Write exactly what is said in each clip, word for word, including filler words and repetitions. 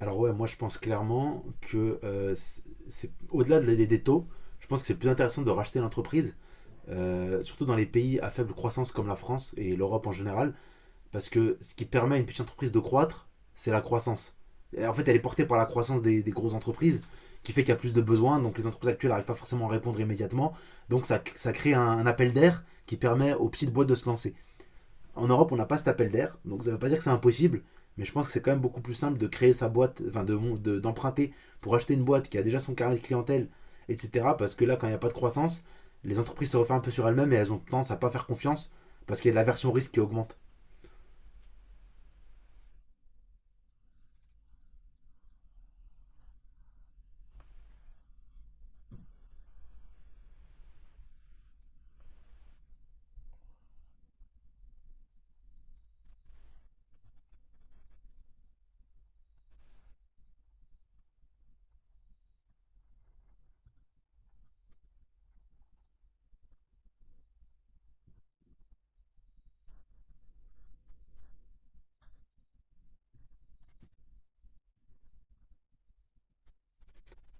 Alors ouais, moi je pense clairement que euh, c'est c'est- au-delà de- des, des taux, je pense que c'est plus intéressant de racheter l'entreprise, euh, surtout dans les pays à faible croissance comme la France et l'Europe en général, parce que ce qui permet à une petite entreprise de croître, c'est la croissance. Et en fait, elle est portée par la croissance des, des grosses entreprises, qui fait qu'il y a plus de besoins, donc les entreprises actuelles n'arrivent pas forcément à répondre immédiatement, donc ça, ça crée un, un appel d'air qui permet aux petites boîtes de se lancer. En Europe, on n'a pas cet appel d'air, donc ça ne veut pas dire que c'est impossible, mais je pense que c'est quand même beaucoup plus simple de créer sa boîte, enfin de- d'emprunter pour acheter une boîte qui a déjà son carnet de clientèle, et cetera. Parce que là, quand il n'y a pas de croissance, les entreprises se referment un peu sur elles-mêmes et elles ont tendance à ne pas faire confiance parce qu'il y a de la version risque qui augmente.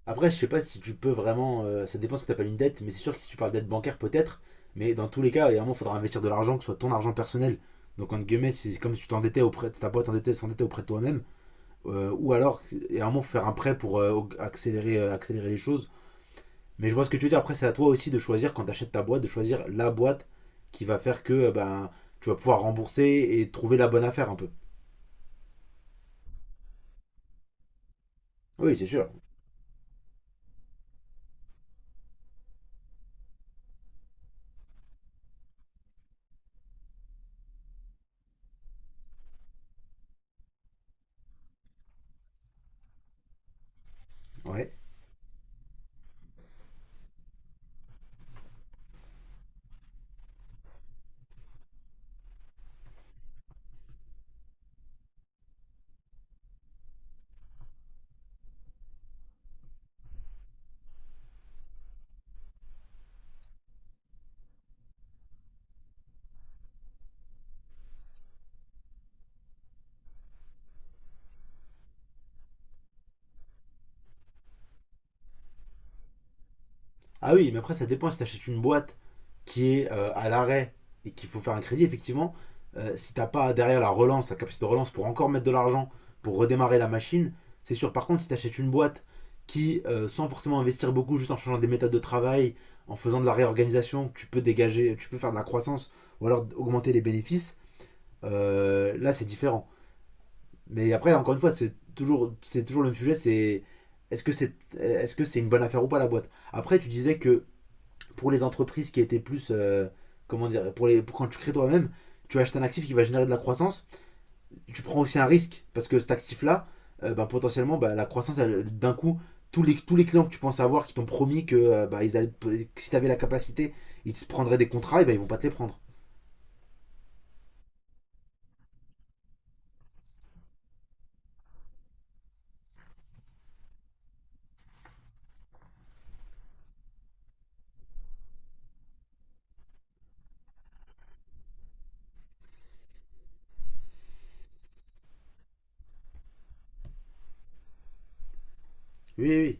Après, je sais pas si tu peux vraiment, euh, ça dépend ce que tu appelles une dette, mais c'est sûr que si tu parles dette bancaire, peut-être. Mais dans tous les cas, il faudra investir de l'argent, que ce soit ton argent personnel. Donc, entre guillemets, c'est comme si tu t'endettais auprès de ta boîte, t'endettais, s'endettait auprès de toi-même. Euh, ou alors, et à un moment, faut faire un prêt pour euh, accélérer, euh, accélérer les choses. Mais je vois ce que tu veux dire. Après, c'est à toi aussi de choisir, quand tu achètes ta boîte, de choisir la boîte qui va faire que euh, ben, tu vas pouvoir rembourser et trouver la bonne affaire un peu. Oui, c'est sûr. Ouais. Ah oui, mais après, ça dépend si tu achètes une boîte qui est euh, à l'arrêt et qu'il faut faire un crédit, effectivement, euh, si t'as pas derrière la relance, la capacité de relance pour encore mettre de l'argent pour redémarrer la machine, c'est sûr. Par contre, si t'achètes une boîte qui, euh, sans forcément investir beaucoup, juste en changeant des méthodes de travail, en faisant de la réorganisation, tu peux dégager, tu peux faire de la croissance ou alors augmenter les bénéfices, euh, là c'est différent. Mais après, encore une fois, c'est toujours, c'est toujours le même sujet, c'est est-ce que c'est est -ce que c'est une bonne affaire ou pas la boîte. Après, tu disais que pour les entreprises qui étaient plus, euh, comment dire, pour les, pour quand tu crées toi-même, tu achètes un actif qui va générer de la croissance. Tu prends aussi un risque parce que cet actif-là, euh, bah, potentiellement, bah, la croissance, d'un coup, tous les, tous les clients que tu penses avoir qui t'ont promis que, euh, bah, ils allaient, que si tu avais la capacité, ils te prendraient des contrats, et bah ils vont pas te les prendre. Oui, oui, oui.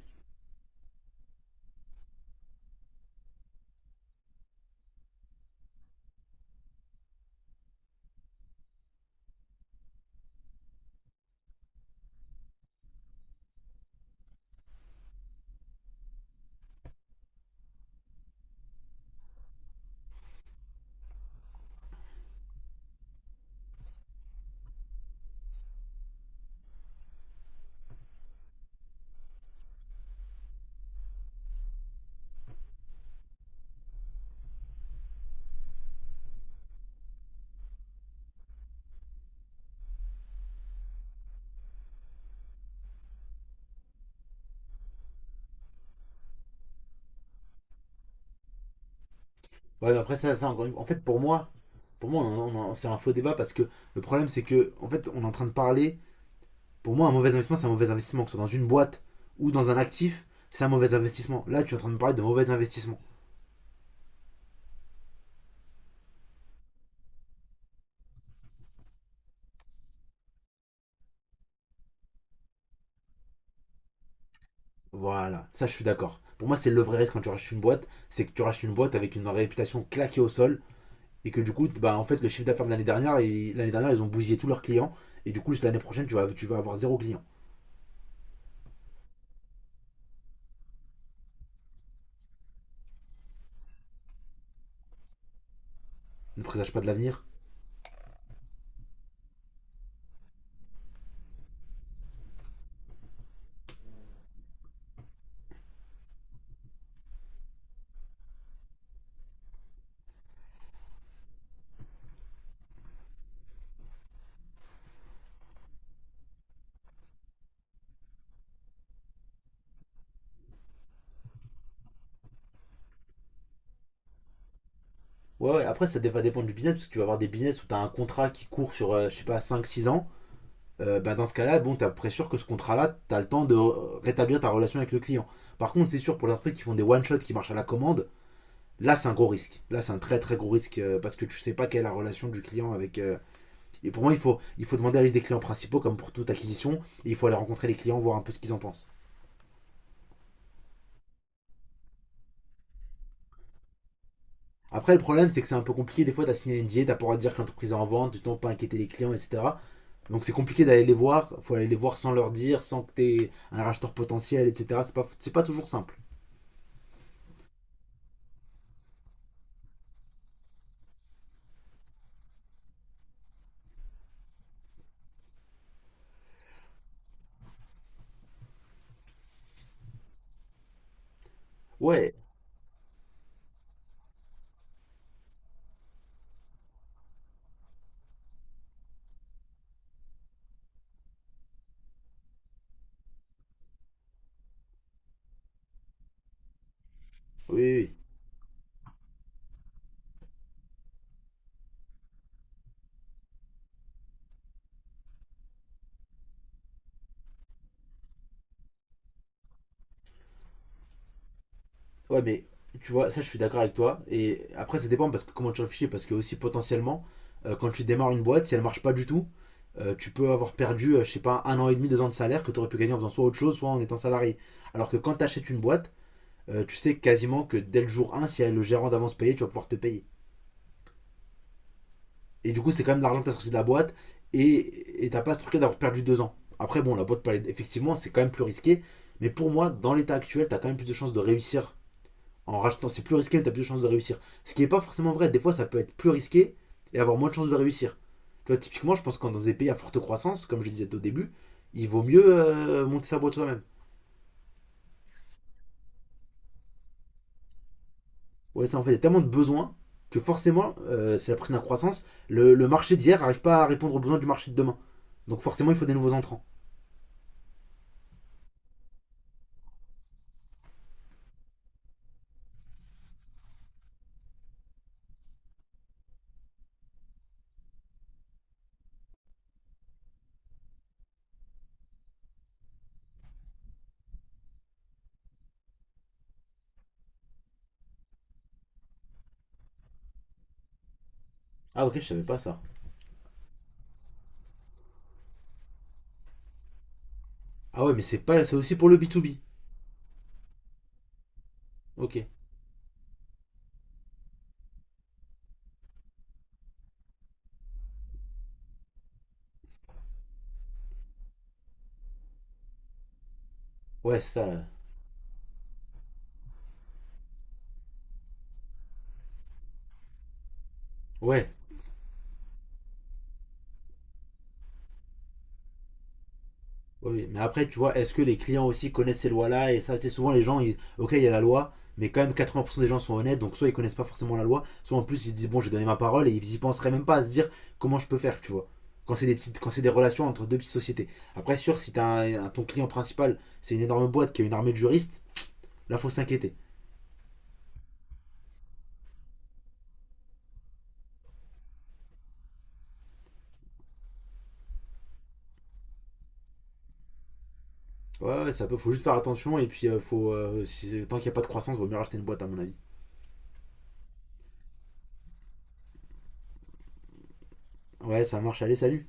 Ouais, mais après, ça, ça encore une fois. En fait, pour moi, pour moi on en- on c'est un faux débat parce que le problème, c'est que, en fait, on est en train de parler. Pour moi, un mauvais investissement, c'est un mauvais investissement, que ce soit dans une boîte ou dans un actif, c'est un mauvais investissement. Là, tu es en train de me parler de mauvais investissement. Voilà, ça je suis d'accord. Pour moi, c'est le vrai risque quand tu rachètes une boîte, c'est que tu rachètes une boîte avec une réputation claquée au sol et que du coup, bah, en fait, le chiffre d'affaires de l'année dernière, l'année dernière, ils ont bousillé tous leurs clients et du coup, l'année prochaine, tu vas, tu vas avoir zéro client. Ne présage pas de l'avenir. Ouais, ouais, après, ça va dépendre du business parce que tu vas avoir des business où tu as un contrat qui court sur, euh, je sais pas, cinq, six ans, euh, bah, dans ce cas-là, bon, t'es à peu près sûr que ce contrat-là, t'as le temps de rétablir ta relation avec le client. Par contre, c'est sûr pour les entreprises qui font des one-shots qui marchent à la commande, là c'est un gros risque. Là c'est un très très gros risque euh, parce que tu sais pas quelle est la relation du client avec, euh, et pour moi, il faut, il faut demander la liste des clients principaux comme pour toute acquisition et il faut aller rencontrer les clients, voir un peu ce qu'ils en pensent. Après, le problème c'est que c'est un peu compliqué. Des fois, t'as signé un N D A, t'as pas le droit de dire que l'entreprise est en vente, tu t'en pas inquiéter les clients, et cetera. Donc c'est compliqué d'aller les voir. Il faut aller les voir sans leur dire, sans que t'aies un racheteur potentiel, et cetera. C'est pas, c'est pas toujours simple. Ouais, oui, oui. Ouais, mais tu vois, ça je suis d'accord avec toi. Et après, ça dépend parce que comment tu réfléchis. Parce que aussi potentiellement, euh, quand tu démarres une boîte, si elle marche pas du tout, euh, tu peux avoir perdu, euh, je sais pas, un an et demi, deux ans de salaire que tu aurais pu gagner en faisant soit autre chose, soit en étant salarié. Alors que quand tu achètes une boîte, euh, tu sais quasiment que dès le jour un si elle a le gérant d'avance payé, tu vas pouvoir te payer. Et du coup, c'est quand même de l'argent que tu as sorti de la boîte et et t'as pas ce truc-là d'avoir perdu deux ans. Après, bon, la boîte, peut aller- effectivement, c'est quand même plus risqué. Mais pour moi, dans l'état actuel, tu as quand même plus de chances de réussir en rachetant, c'est plus risqué, t'as plus de chances de réussir. Ce qui n'est pas forcément vrai, des fois ça peut être plus risqué et avoir moins de chances de réussir. Tu vois, typiquement, je pense que dans des pays à forte croissance, comme je disais au début, il vaut mieux euh, monter sa boîte soi-même. Ouais, ça en fait, il y a tellement de besoins que forcément, euh, c'est la prise de la croissance, le, le marché d'hier n'arrive pas à répondre aux besoins du marché de demain. Donc forcément, il faut des nouveaux entrants. Ah ok, je savais pas ça. Ah ouais, mais c'est pas, c'est aussi pour le B deux B. Ok. Ouais, ça. Ouais, oui, oui, mais après, tu vois, est-ce que les clients aussi connaissent ces lois-là? Et ça, tu sais, souvent les gens, ils, ok, il y a la loi, mais quand même quatre-vingts pour cent des gens sont honnêtes, donc soit ils connaissent pas forcément la loi, soit en plus ils disent bon, j'ai donné ma parole et ils y penseraient même pas à se dire comment je peux faire, tu vois. Quand c'est des petites, quand c'est des relations entre deux petites sociétés. Après, sûr, si t'as un, un- ton client principal, c'est une énorme boîte qui a une armée de juristes, là, faut s'inquiéter. Ouais, ouais, ça peut, faut juste faire attention et puis euh, faut, euh, si- tant qu'il n'y a pas de croissance, vaut mieux racheter une boîte à mon avis. Ouais, ça marche, allez, salut.